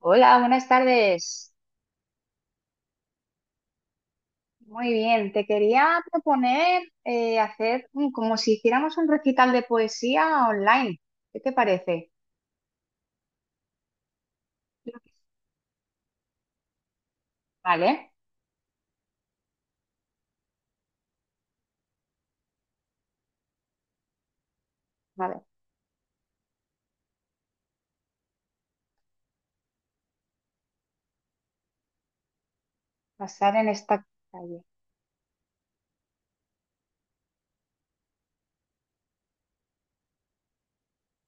Hola, buenas tardes. Muy bien, te quería proponer hacer como si hiciéramos un recital de poesía online. ¿Qué te parece? Vale, vale. Pasar en esta calle.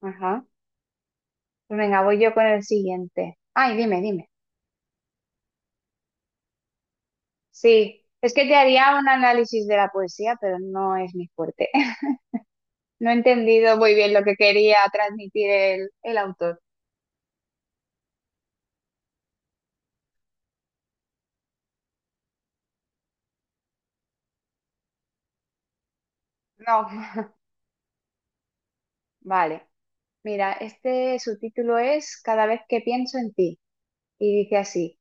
Ajá. Pues venga, voy yo con el siguiente. Ay, dime. Sí, es que te haría un análisis de la poesía, pero no es mi fuerte. No he entendido muy bien lo que quería transmitir el autor. No. Vale. Mira, este su título es Cada vez que pienso en ti, y dice así: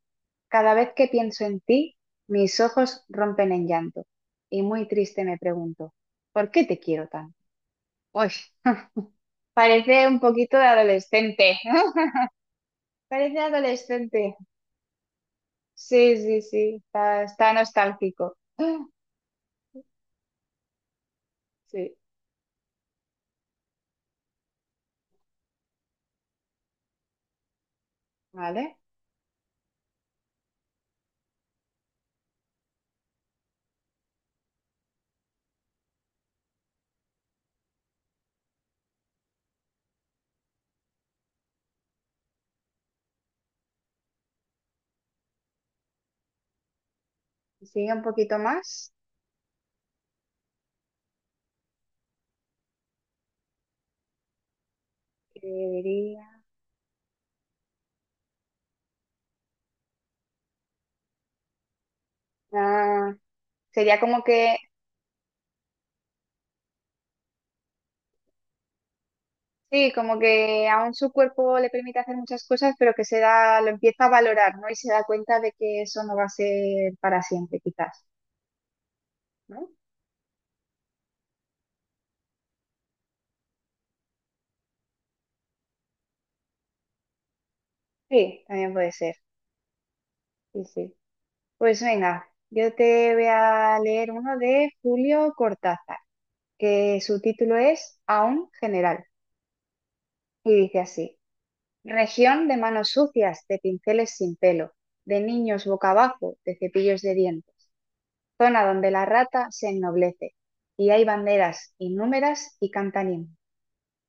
cada vez que pienso en ti, mis ojos rompen en llanto y muy triste me pregunto, ¿por qué te quiero tanto? Uy, parece un poquito de adolescente, parece adolescente. Sí, sí, sí, está nostálgico. Sí, vale. Sigue un poquito más. Que diría? Ah, sería como que... Sí, como que aún su cuerpo le permite hacer muchas cosas, pero que se da, lo empieza a valorar, ¿no? Y se da cuenta de que eso no va a ser para siempre, quizás, ¿no? Sí, también puede ser. Sí, sí. Pues venga, yo te voy a leer uno de Julio Cortázar, que su título es Aún General, y dice así: Región de manos sucias, de pinceles sin pelo, de niños boca abajo, de cepillos de dientes, zona donde la rata se ennoblece, y hay banderas innúmeras y cantanín,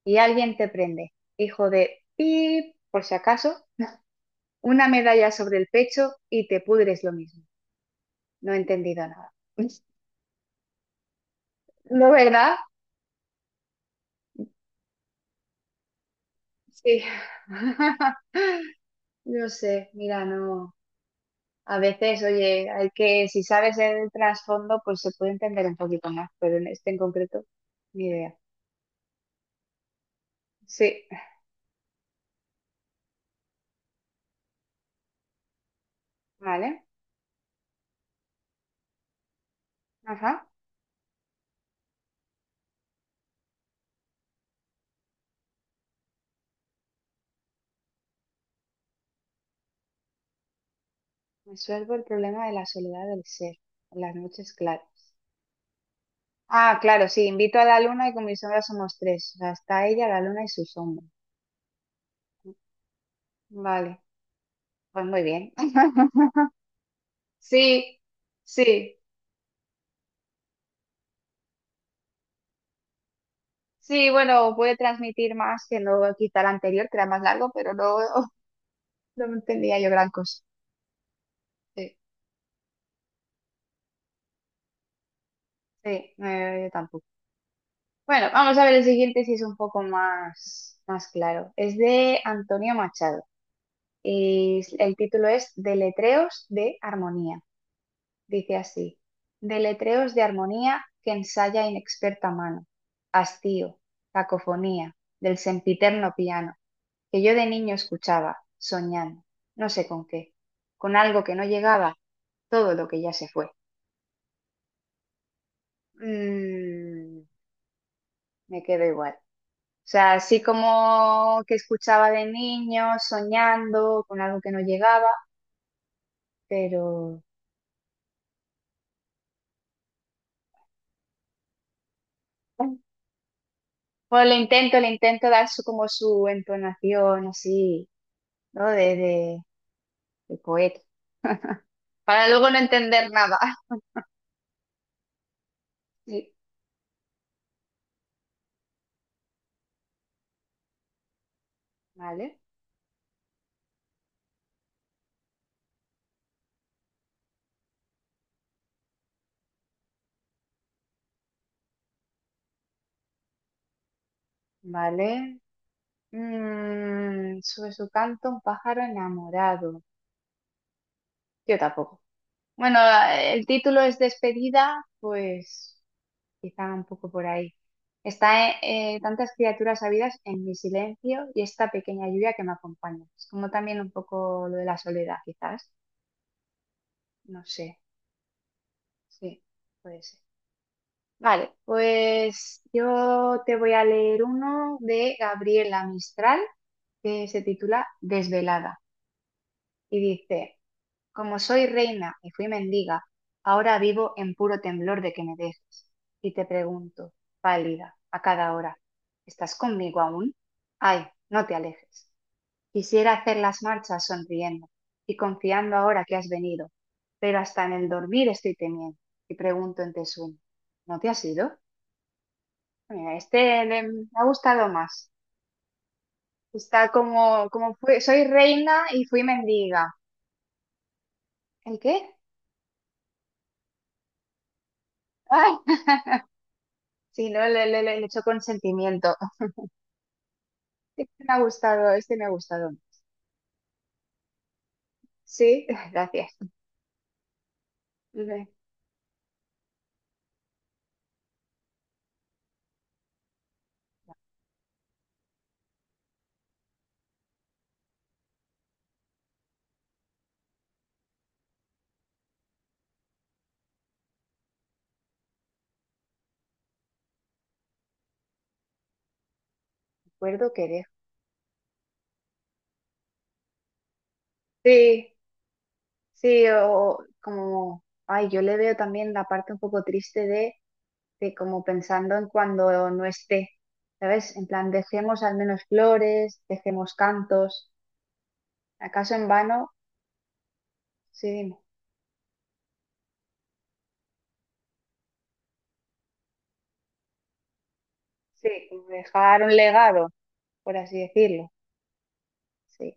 y alguien te prende, hijo de pip, por si acaso, una medalla sobre el pecho y te pudres lo mismo. No he entendido nada. ¿No, verdad? Sí. Yo sé, mira, no. A veces, oye, hay que, si sabes el trasfondo, pues se puede entender un poquito más, pero en este en concreto, ni idea. Sí, vale. Ajá. Resuelvo el problema de la soledad del ser, en las noches claras. Ah, claro, sí, invito a la luna y con mi sombra somos tres. O sea, está ella, la luna y su sombra. ¿No? Vale, pues muy bien. Sí, sí, sí, bueno, puede transmitir más que no quita el anterior, que era más largo, pero no, no entendía yo gran cosa. Sí, sí, yo tampoco. Bueno, vamos a ver el siguiente si es un poco más, más claro. Es de Antonio Machado. Y el título es Deletreos de Armonía. Dice así: Deletreos de Armonía que ensaya inexperta mano, hastío, cacofonía, del sempiterno piano, que yo de niño escuchaba, soñando, no sé con qué, con algo que no llegaba, todo lo que ya se fue. Mm, me quedo igual. O sea, así como que escuchaba de niño, soñando, con algo que no llegaba, pero... Bueno, le intento dar su, como su entonación así, ¿no? De poeta, para luego no entender nada. Sí. Vale, vale. Mm, sobre su canto, un pájaro enamorado. Yo tampoco. Bueno, el título es Despedida, pues quizá un poco por ahí. Está tantas criaturas habidas en mi silencio y esta pequeña lluvia que me acompaña. Es como también un poco lo de la soledad, quizás. No sé, sí. Puede ser. Vale, pues yo te voy a leer uno de Gabriela Mistral que se titula Desvelada y dice: Como soy reina y fui mendiga, ahora vivo en puro temblor de que me dejes. Y te pregunto, pálida, a cada hora, ¿estás conmigo aún? Ay, no te alejes. Quisiera hacer las marchas sonriendo y confiando ahora que has venido, pero hasta en el dormir estoy temiendo y pregunto en te sueño, ¿no te has ido? Mira, este me ha gustado más. Está como, como soy reina y fui mendiga. ¿El qué? Ay, sí, no, le echo consentimiento. Este me ha gustado, este me ha gustado. Sí, gracias. Recuerdo que dejo. Sí, sí, o como, ay, yo le veo también la parte un poco triste de como pensando en cuando no esté, ¿sabes? En plan, dejemos al menos flores, dejemos cantos. ¿Acaso en vano? Sí, dime. Sí, como dejar un legado, por así decirlo. Sí,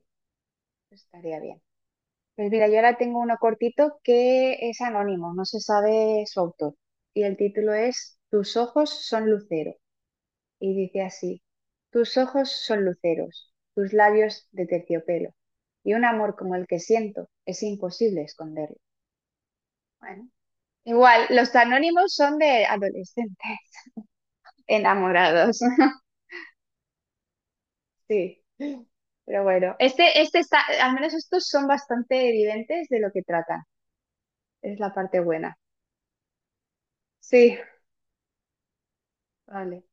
estaría bien. Pues mira, yo ahora tengo uno cortito que es anónimo, no se sabe su autor. Y el título es Tus ojos son lucero. Y dice así: tus ojos son luceros, tus labios de terciopelo. Y un amor como el que siento es imposible esconderlo. Bueno, igual, los anónimos son de adolescentes enamorados. Sí. Pero bueno, este está, al menos estos son bastante evidentes de lo que tratan. Es la parte buena. Sí, vale,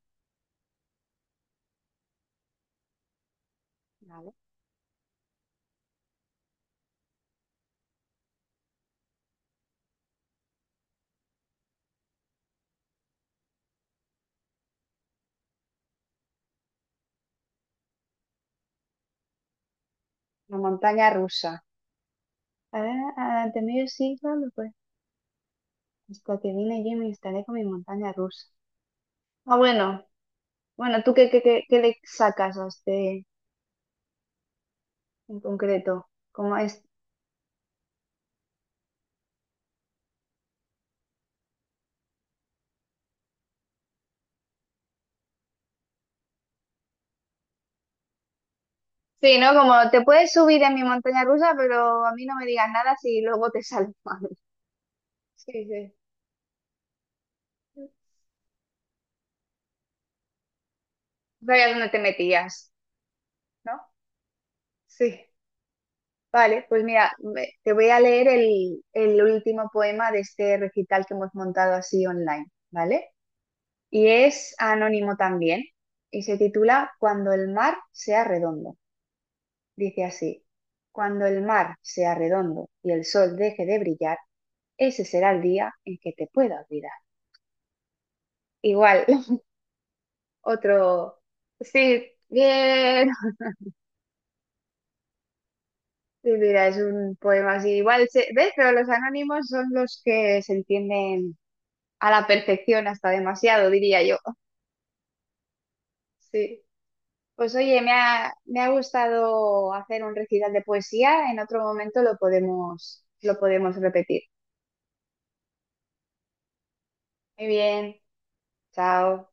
vale. La montaña rusa. Ah, ah, ante medio siglo, no, pues, hasta que vine yo y me instalé con mi montaña rusa. Ah, bueno, bueno, ¿tú qué le sacas a este en concreto? Como es... Sí, ¿no? Como te puedes subir en mi montaña rusa, pero a mí no me digas nada si luego te sale mal. Sí, sí. Vaya dónde te metías, ¿no? Sí. Vale, pues mira, te voy a leer el último poema de este recital que hemos montado así online, ¿vale? Y es anónimo también, y se titula Cuando el mar sea redondo. Dice así: cuando el mar sea redondo y el sol deje de brillar, ese será el día en que te pueda olvidar. Igual, otro... Sí, bien. Sí, mira, es un poema así. Igual, se... ¿ves? Pero los anónimos son los que se entienden a la perfección, hasta demasiado, diría yo. Sí. Pues oye, me ha gustado hacer un recital de poesía. En otro momento lo podemos repetir. Muy bien. Chao.